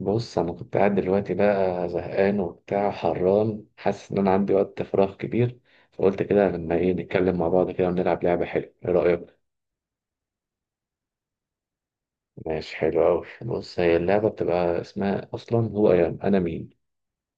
بص انا كنت قاعد دلوقتي بقى زهقان وبتاع حران، حاسس ان انا عندي وقت فراغ كبير. فقلت كده، لما ايه نتكلم مع بعض كده ونلعب لعبه حلوه؟ ايه رايك؟ ماشي، حلو قوي. بص، هي اللعبه بتبقى اسمها اصلا هو انا انا مين.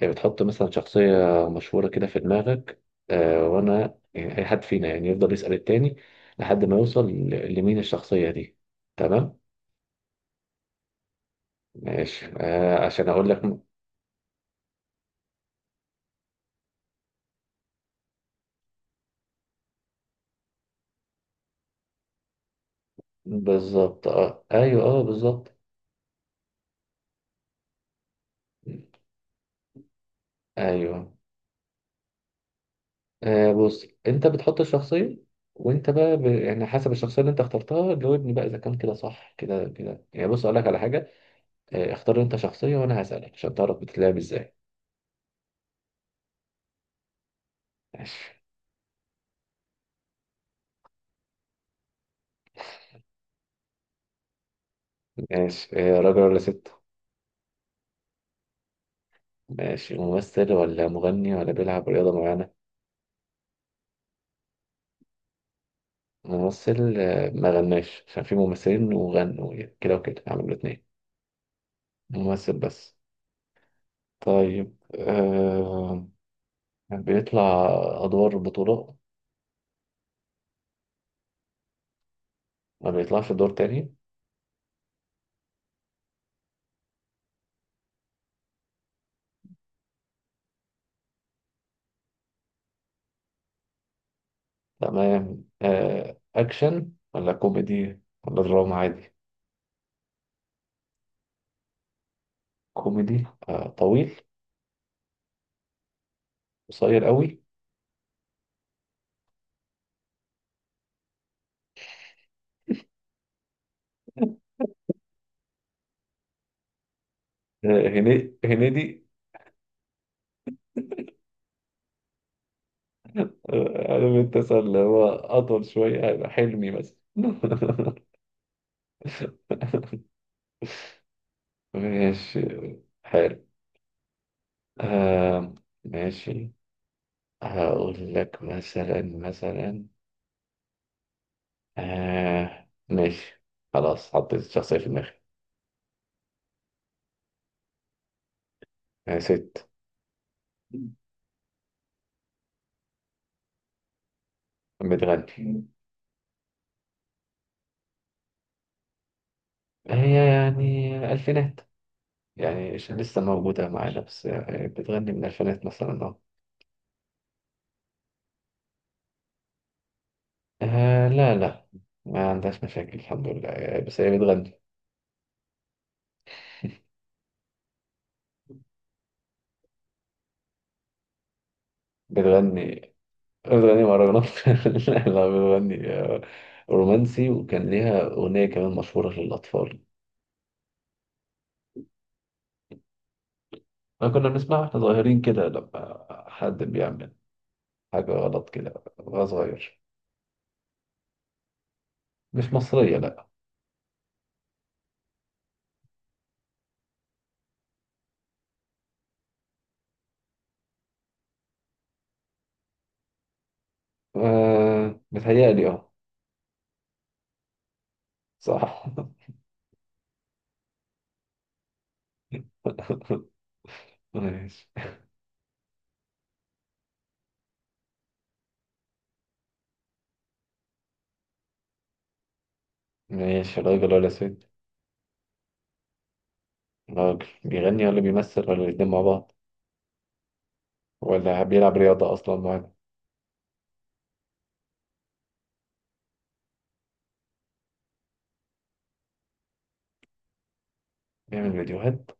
هي بتحط مثلا شخصيه مشهوره كده في دماغك. آه، وانا يعني اي حد فينا يعني يفضل يسال التاني لحد ما يوصل لمين الشخصيه دي. تمام. ماشي آه، عشان اقول لك بالظبط. اه ايوه، اه بالظبط. ايوه. آه بص، انت بتحط الشخصية، وانت بقى يعني حسب الشخصية اللي انت اخترتها جاوبني بقى اذا كان كده صح كده كده. يعني بص، اقول لك على حاجة. آه، اختار انت شخصية وانا هسألك عشان تعرف بتتلعب ازاي. ماشي. ماشي آه، راجل ولا ست؟ ماشي، ممثل ولا مغني ولا بيلعب رياضة معينة؟ ممثل آه، ما غناش، عشان في ممثلين وغنوا يعني كده وكده، عملوا الاتنين. ممثل بس. طيب آه، بيطلع أدوار بطولة؟ ما بيطلعش دور تاني؟ تمام آه، أكشن ولا كوميدي ولا دراما عادي؟ كوميدي آه، طويل؟ قصير قوي؟ آه، هنيدي. آه، عارف انت مثلا اللي هو أطول شوية هيبقى حلمي مثلا. ماشي، حلو. آه، ماشي. هقول لك مثلا. آه، ماشي. خلاص حطيت الشخصية في دماغي. آه، ست. بتغني. هي يعني ألفينات، يعني لسه موجودة معانا، بس آه، بتغني من الألفينات مثلا، أه. آه، لا لا، ما عندهاش مشاكل الحمد لله. آه، بس هي بتغني. بتغني. بتغني مهرجانات؟ لا لا، بتغني آه، رومانسي. وكان ليها أغنية كمان مشهورة للأطفال. أنا كنا بنسمعها واحنا صغيرين كده لما حد بيعمل حاجة غلط كده وهو صغير. مش مصرية، لا. آه، متهيألي اه. صح. ماشي. ماشي، راجل ولا ست؟ راجل، بيغني ولا بيمثل ولا الاتنين مع بعض؟ ولا بيلعب رياضة أصلا معانا؟ بيعمل فيديوهات؟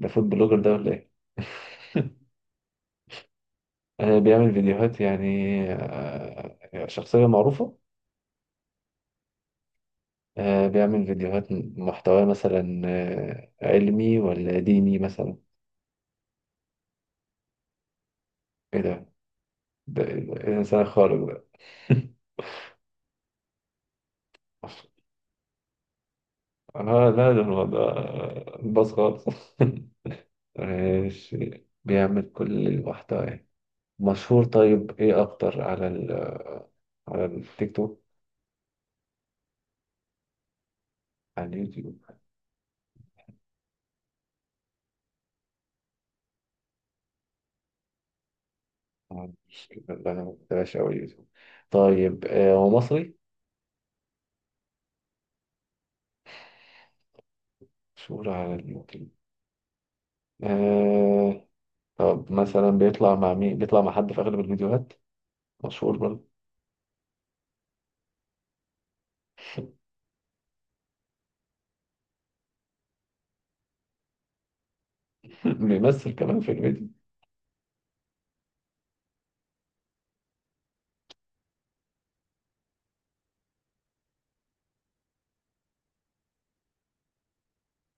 ده فود بلوجر ده ولا إيه؟ آه، بيعمل فيديوهات يعني. آه، شخصية معروفة. آه، بيعمل فيديوهات محتوى مثلا آه، علمي ولا ديني مثلا؟ إيه ده؟ ده إيه إنسان خارق ده! أنا لا، ده هو ده باص خالص. ماشي، بيعمل كل المحتوى يعني. مشهور، طيب إيه أكتر، على على التيك توك؟ على اليوتيوب؟ آه، مش لا، أنا ما بتابعش أوي اليوتيوب. طيب آه، هو مصري؟ مشهور على اليوتيوب. آه. طب مثلا بيطلع مع مين؟ بيطلع مع حد في أغلب الفيديوهات مشهور برضه؟ بيمثل كمان في الفيديو؟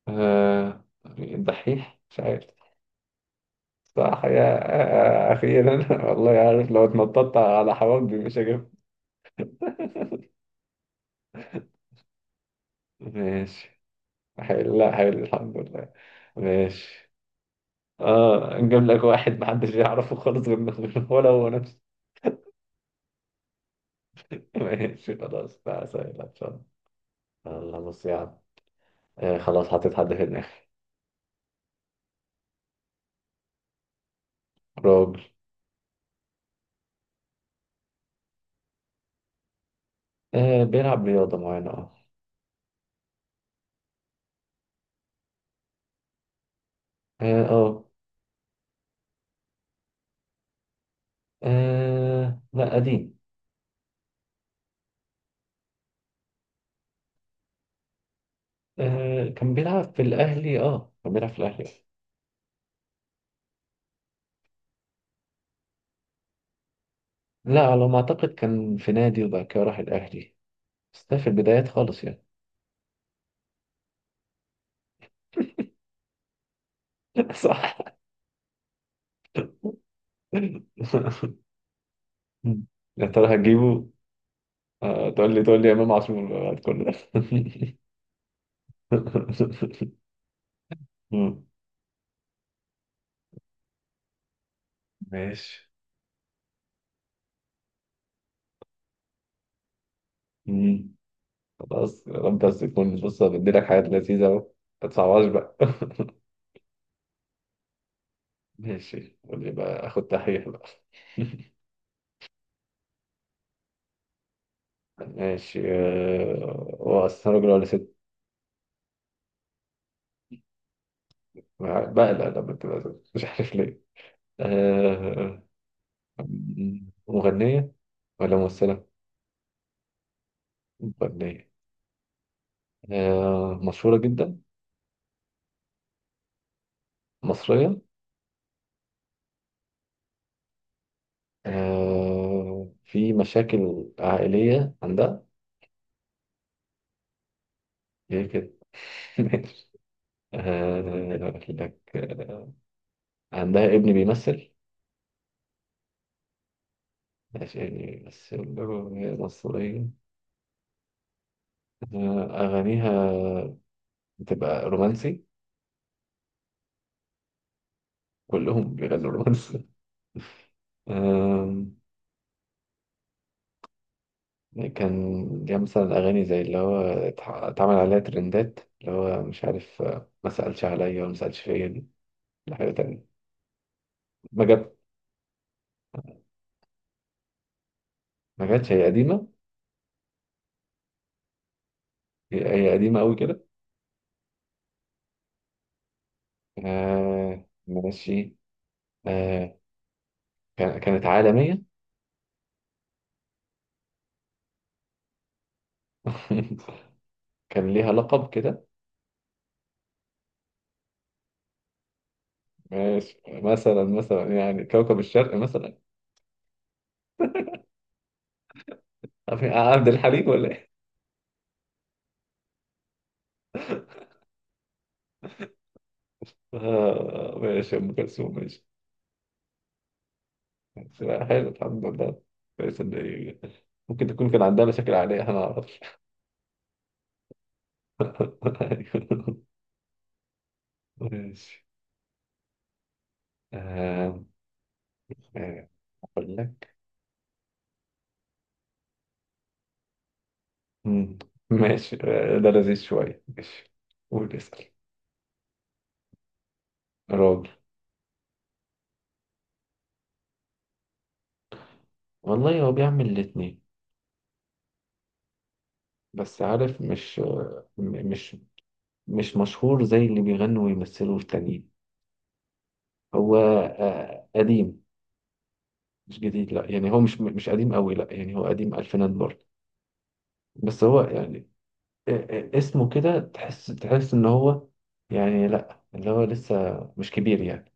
آه، الدحيح مش عارف؟ صح يا! آه أخيرا. والله عارف، لو اتنططت على حواجبي مش هجيب. ماشي. حلو، لا حلو الحمد لله. ماشي. اه، نجيب لك واحد محدش يعرفه خالص، غير غير ولا هو نفسه. ماشي خلاص، بقى سهل إن شاء الله. يلا، بص يا عم. آه، خلاص حطيت حد في دماغي. راجل. آه، بيلعب رياضة معينة اه. اه آه. آه، لا قديم. آه، كان بيلعب في الأهلي. اه كان بيلعب في الأهلي. لا، على ما أعتقد كان في نادي وبعد كده راح الأهلي، بس ده في البدايات خالص يعني. صح. يا ترى هتجيبه؟ آه، تقول لي تقول لي إمام عاشور بعد كل ده؟ مم. ماشي. مم. خلاص يا رب، بس تكون، بص، بديلك حاجات لذيذة أهو، ما تصعبهاش بقى. ماشي، قول لي بقى آخد تحقيق بقى. ماشي آه، هو أصلا راجل ولا ست؟ بقلق لما تبقى ست، مش عارف ليه. أه... مغنية ولا ممثلة؟ مغنية. أه... مشهورة جدا؟ مصرية؟ أه... في مشاكل عائلية عندها؟ هي كده. آه، أقول لك آه، عندها ابن بيمثل؟ ماشي، يعني بيمثل وهي مصرية. آه، أغانيها بتبقى رومانسي؟ كلهم بيغنوا رومانسي. آم، كان ليها مثلا أغاني زي اللي هو اتعمل عليها ترندات، اللي هو مش عارف آه، ما سألش عليا وما سألش فيا دي؟ لا، حاجة تانية. ما جت. ما جاتش، هي قديمة. هي هي قديمة أوي كده. آه، ماشي. آه، كانت عالمية. كان ليها لقب كده. ماشي مثلا يعني كوكب الشرق مثلا؟ يعني عبد الحليم ولا ايه؟ آه، ماشي، ام كلثوم. ماشي. بس لا، حلو الحمد لله. كويس ان ممكن تكون كان عندها مشاكل عائليه احنا ما نعرفش. ماشي. آه، آه، اقول لك. مم. ماشي آه، ده لذيذ شويه. ماشي، قول اسال. راجل. والله هو بيعمل الاتنين، بس عارف مش آه، مش مش مشهور زي اللي بيغنوا ويمثلوا التانيين. هو آه، قديم. مش جديد، لا يعني هو مش قديم قوي، لا يعني هو قديم الفينات برضه. بس هو يعني آه، آه، اسمه كده تحس ان هو يعني لا اللي هو لسه مش كبير يعني.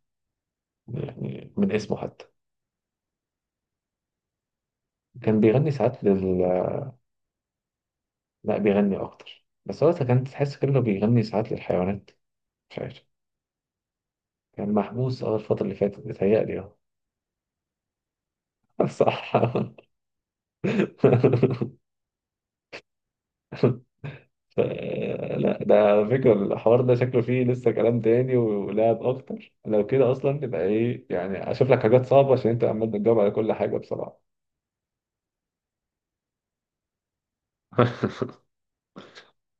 يعني من اسمه حتى كان بيغني ساعات لل. لا، بيغني اكتر، بس هو كان تحس كده إنه بيغني ساعات للحيوانات. مش عارف. كان محبوس اه الفترة اللي فاتت بيتهيألي اه. صح. ف- لا، ده على فكرة الحوار ده شكله فيه لسه كلام تاني ولعب أكتر. لو كده أصلا تبقى إيه يعني، أشوف لك حاجات صعبة عشان أنت عمال بتجاوب على كل حاجة بصراحة.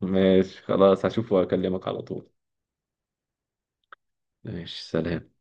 ماشي خلاص، هشوف واكلمك على طول. ماشي، سلام.